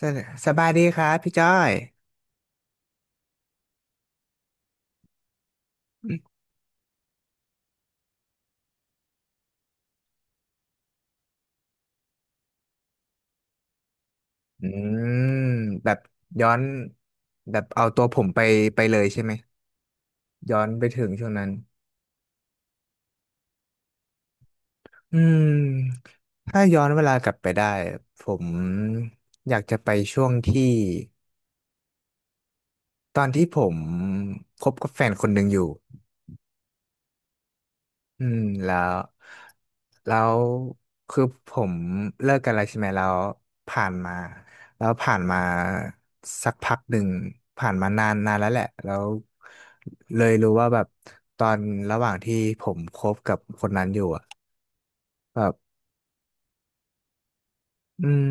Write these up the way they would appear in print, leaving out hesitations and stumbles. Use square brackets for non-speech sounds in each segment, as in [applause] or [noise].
สสบายดีครับพี่จ้อยอืมอืมแบบย้อนแบบเอาตัวผมไปเลยใช่ไหมย้อนไปถึงช่วงนั้นอืมถ้าย้อนเวลากลับไปได้ผมอยากจะไปช่วงที่ตอนที่ผมคบกับแฟนคนหนึ่งอยู่ อืมแล้วคือผมเลิกกันแล้วใช่ไหมแล้วผ่านมาแล้วผ่านมาสักพักหนึ่งผ่านมานานนานแล้วแหละแล้วเลยรู้ว่าแบบตอนระหว่างที่ผมคบกับคนนั้นอยู่อะ อืม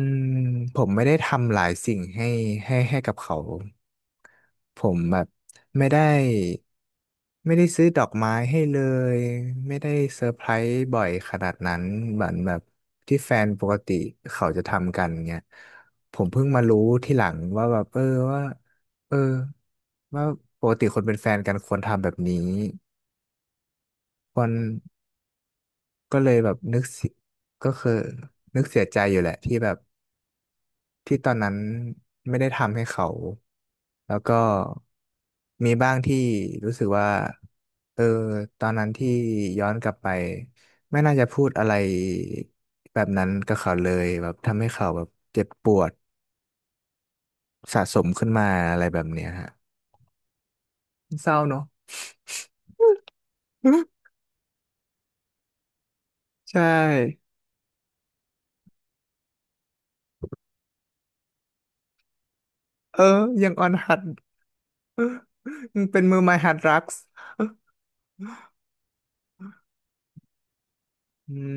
ผมไม่ได้ทำหลายสิ่งให้กับเขาผมแบบไม่ได้ไม่ได้ซื้อดอกไม้ให้เลยไม่ได้เซอร์ไพรส์บ่อยขนาดนั้นเหมือนแบบที่แฟนปกติเขาจะทำกันเงี้ยผมเพิ่งมารู้ที่หลังว่าแบบว่าเออว่าปกติคนเป็นแฟนกันควรทำแบบนี้ควรก็เลยแบบนึกเสียก็คือนึกเสียใจอยู่แหละที่แบบ ที่ตอนนั้นไม่ได้ทำให้เขาแล้วก็มีบ้างที่รู้สึกว่าเออตอนนั้นที่ย้อนกลับไปไม่น่าจะพูดอะไรแบบนั้นกับเขาเลยแบบทำให้เขาแบบเจ็บปวดสะสมขึ้นมาอะไรแบบเนี้ยฮะเศร้าเนอะ [laughs] ใช่เออยังออนหัดเป็นมือไม้หัดรักส์อืม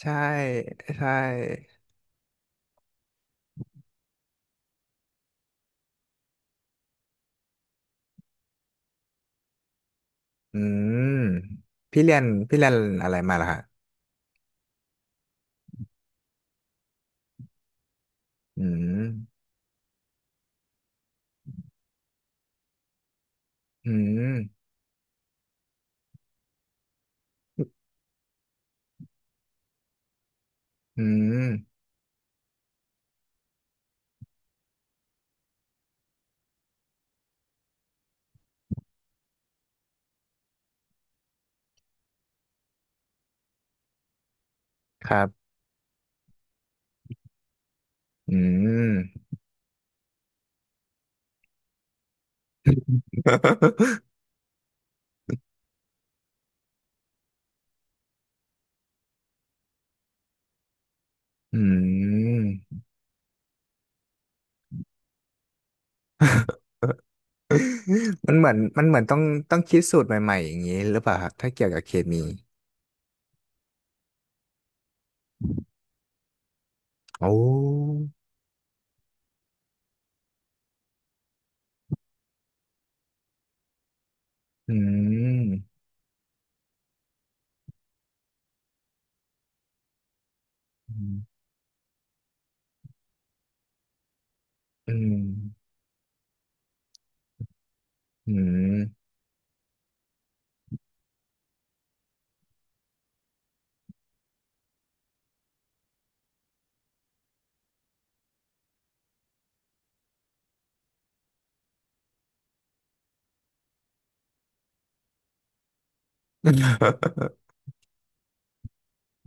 ใช่ใช่อืมพี่เรียนพี่เรียนอะไรมาล่ะฮะ อืม อืม อืม ครับ อืม [laughs] อืม [laughs] มันเหมือนต้องคิดสูตรใหม่ๆอย่างนี้หรือเปล่าครับถ้าเกี่ยวกับเคมีโอ้อืมอืม อืมอืม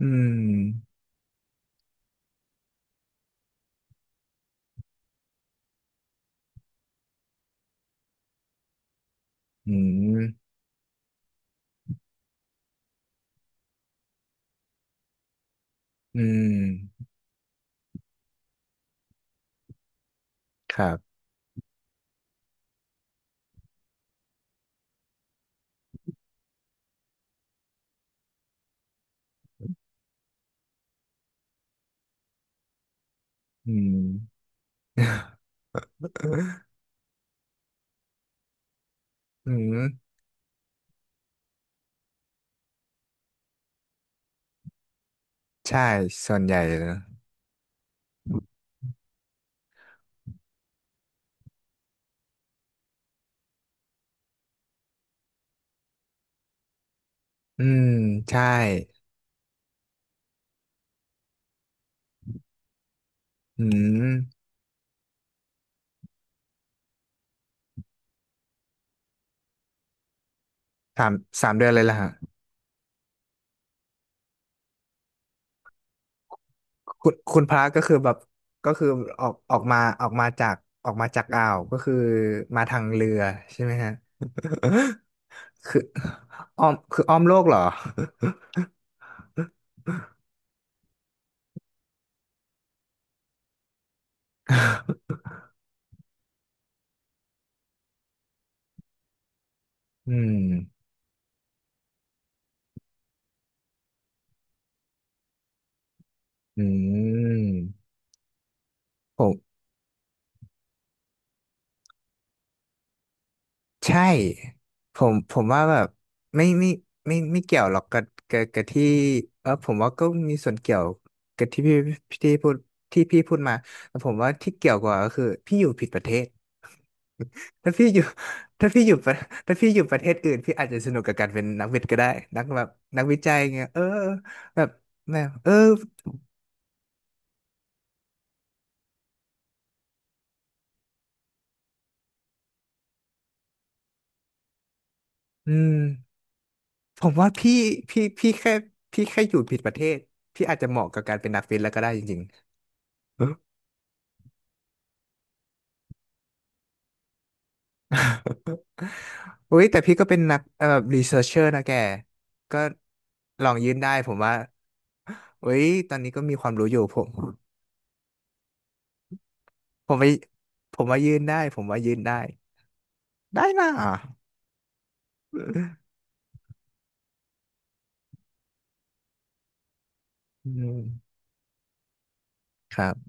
อืม อืม อืม ครับ อืม อืม ใช่ส่วนใหญ่นะอืมใช่ อืม สามสามเดือนเลยล่ะฮะคุณพระก็คือแบบก็คือออกออกมาออกมาจากออกมาจากอ่าวก็คือมาทางเรือใช่ไหมฮะ [laughs] คืออ้อมคืออ้อมโลกเหรอ [laughs] อืมอืมผม ใช่ผมว่าแบบไม่ไม่ไม่เกี่ยวหรอกกับที่เออผมว่าก็มีส่วนเกี่ยวกับที่พูดที่พี่พูดมาแต่ผมว่าที่เกี่ยวกว่าก็คือพี่อยู่ผิดประเทศ [laughs] ถ้าพี่อยู่ถ้าพี่อยู่ประถ้าพี่อยู่ประเทศอื่นพี่อาจจะสนุกกับการเป็นนักวิทย์ก็ได้นักแบบนักวิจัยเงี้ยเออแบบแบบเอออืมผมว่าพี่พี่แค่พี่แค่อยู่ผิดประเทศพี่อาจจะเหมาะกับการเป็นนักวิทย์แล้วก็ได้จริงๆเออ อุ้ยแต่พี่ก็เป็นนักเอ่อแบบรีเสิร์ชเชอร์นะแกก็ลองยื่นได้ผมว่าอุ้ยตอนนี้ก็มีความรู้อยู่ผมว่าผมว่ายื่นได้ผมว่ายื่นได้ได้นะอืมครับ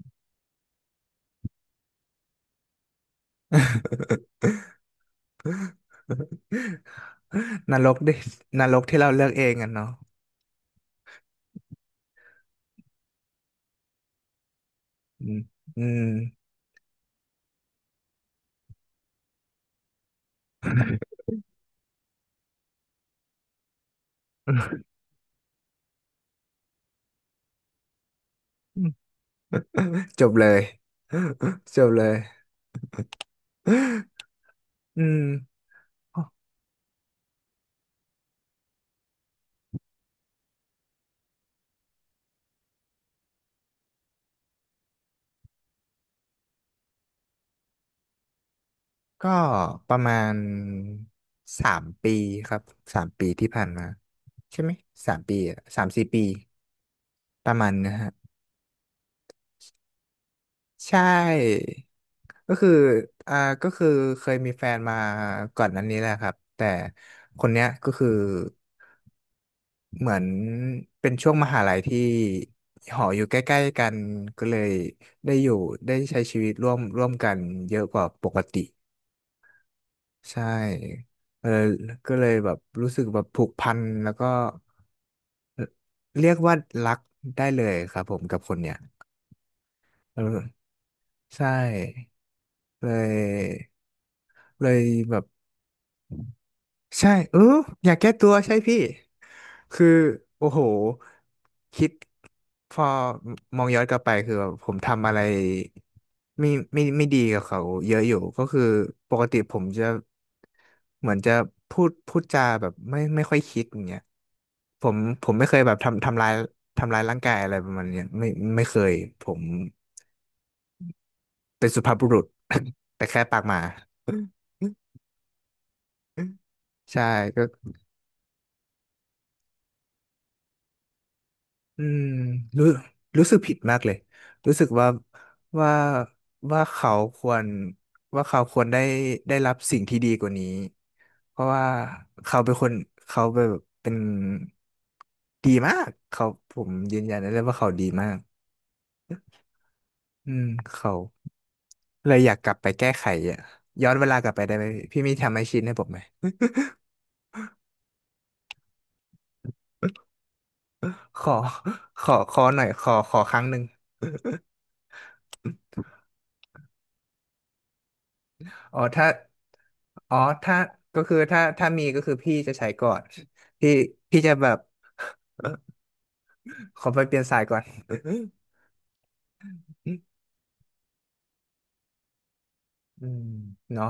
[laughs] นรกดินรกที่เราเลือกเองกันเนาะอืมอืม [laughs] จบเลย [laughs] จบเลยอืม ก็ประมาณ3 ปีครับสามปีที่ผ่านมาใช่ไหมสามปีอะ3-4 ปีประมาณนะฮะใช่ก็คืออ่าก็คือเคยมีแฟนมาก่อนนั้นนี้แหละครับแต่คนเนี้ยก็คือเหมือนเป็นช่วงมหาลัยที่หออยู่ใกล้ๆกันก็เลยได้อยู่ได้ใช้ชีวิตร่วมกันเยอะกว่าปกติ ใช่เออก็เลยแบบรู้สึกแบบผูกพันแล้วก็เอ่อเรียกว่ารักได้เลยครับผมกับคนเนี้ยเออใช่เลยเลยแบบ ใช่เอออยากแก้ตัวใช่พี่คือโอ้โหคิดพอมองย้อนกลับไปคือแบบผมทำอะไรไม่ไม่ดีกับเขาเยอะอยู่ก็คือปกติผมจะเหมือนจะพูดจาแบบไม่ค่อยคิดอย่างเงี้ยผมผมไม่เคยแบบทำร้ายร่างกายอะไรประมาณเนี้ยไม่เคยผมเป็นสุภาพบุรุษ [laughs] แต่แค่ปากหมา [laughs] ใช่ก็ อืมรู้รู้สึกผิดมากเลยรู้สึกว่าว่าเขาควรว่าเขาควรได้รับสิ่งที่ดีกว่านี้เพราะว่าเขาเป็นคนเขาแบบเป็นดีมากเขาผมยืนยันได้เลยว่าเขาดีมากอืมเขาเลยอยากกลับไปแก้ไขอ่ะย้อนเวลากลับไปได้ไหมพี่มีทำให้ชินให้ผมไหมขอขอหน่อยขอครั้งหนึ่ง อ๋อถ้าอ๋อถ้าก็คือถ้าถ้ามีก็คือพี่จะใช้ก่อนพี่พี่จะแบบ [coughs] [laughs] ขอไปเปลี่ยนสายก่อน [coughs] อืมเนาะ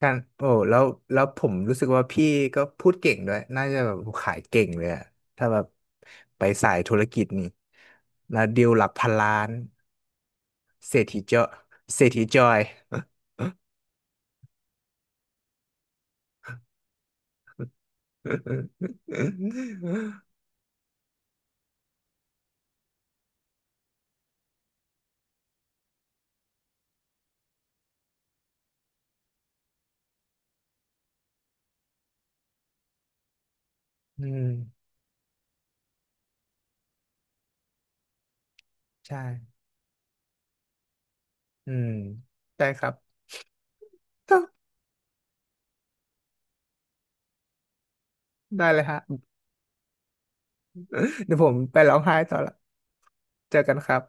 การโอ้แล้วผมรู้สึกว่าพี่ก็พูดเก่งด้วยน่าจะแบบขายเก่งเลยอะถ้าแบบไปสายธุรกิจนี่แล้วดีลหลักพันล้านเศรษฐีเจ้าเศรษฐีจอย [coughs] [laughs] อืมใช่อืมได้ครับ [coughs] [laughs] ได้เลยฮะ เดี๋ยวผมไปร้องไห้ต่อละเจอกันครับ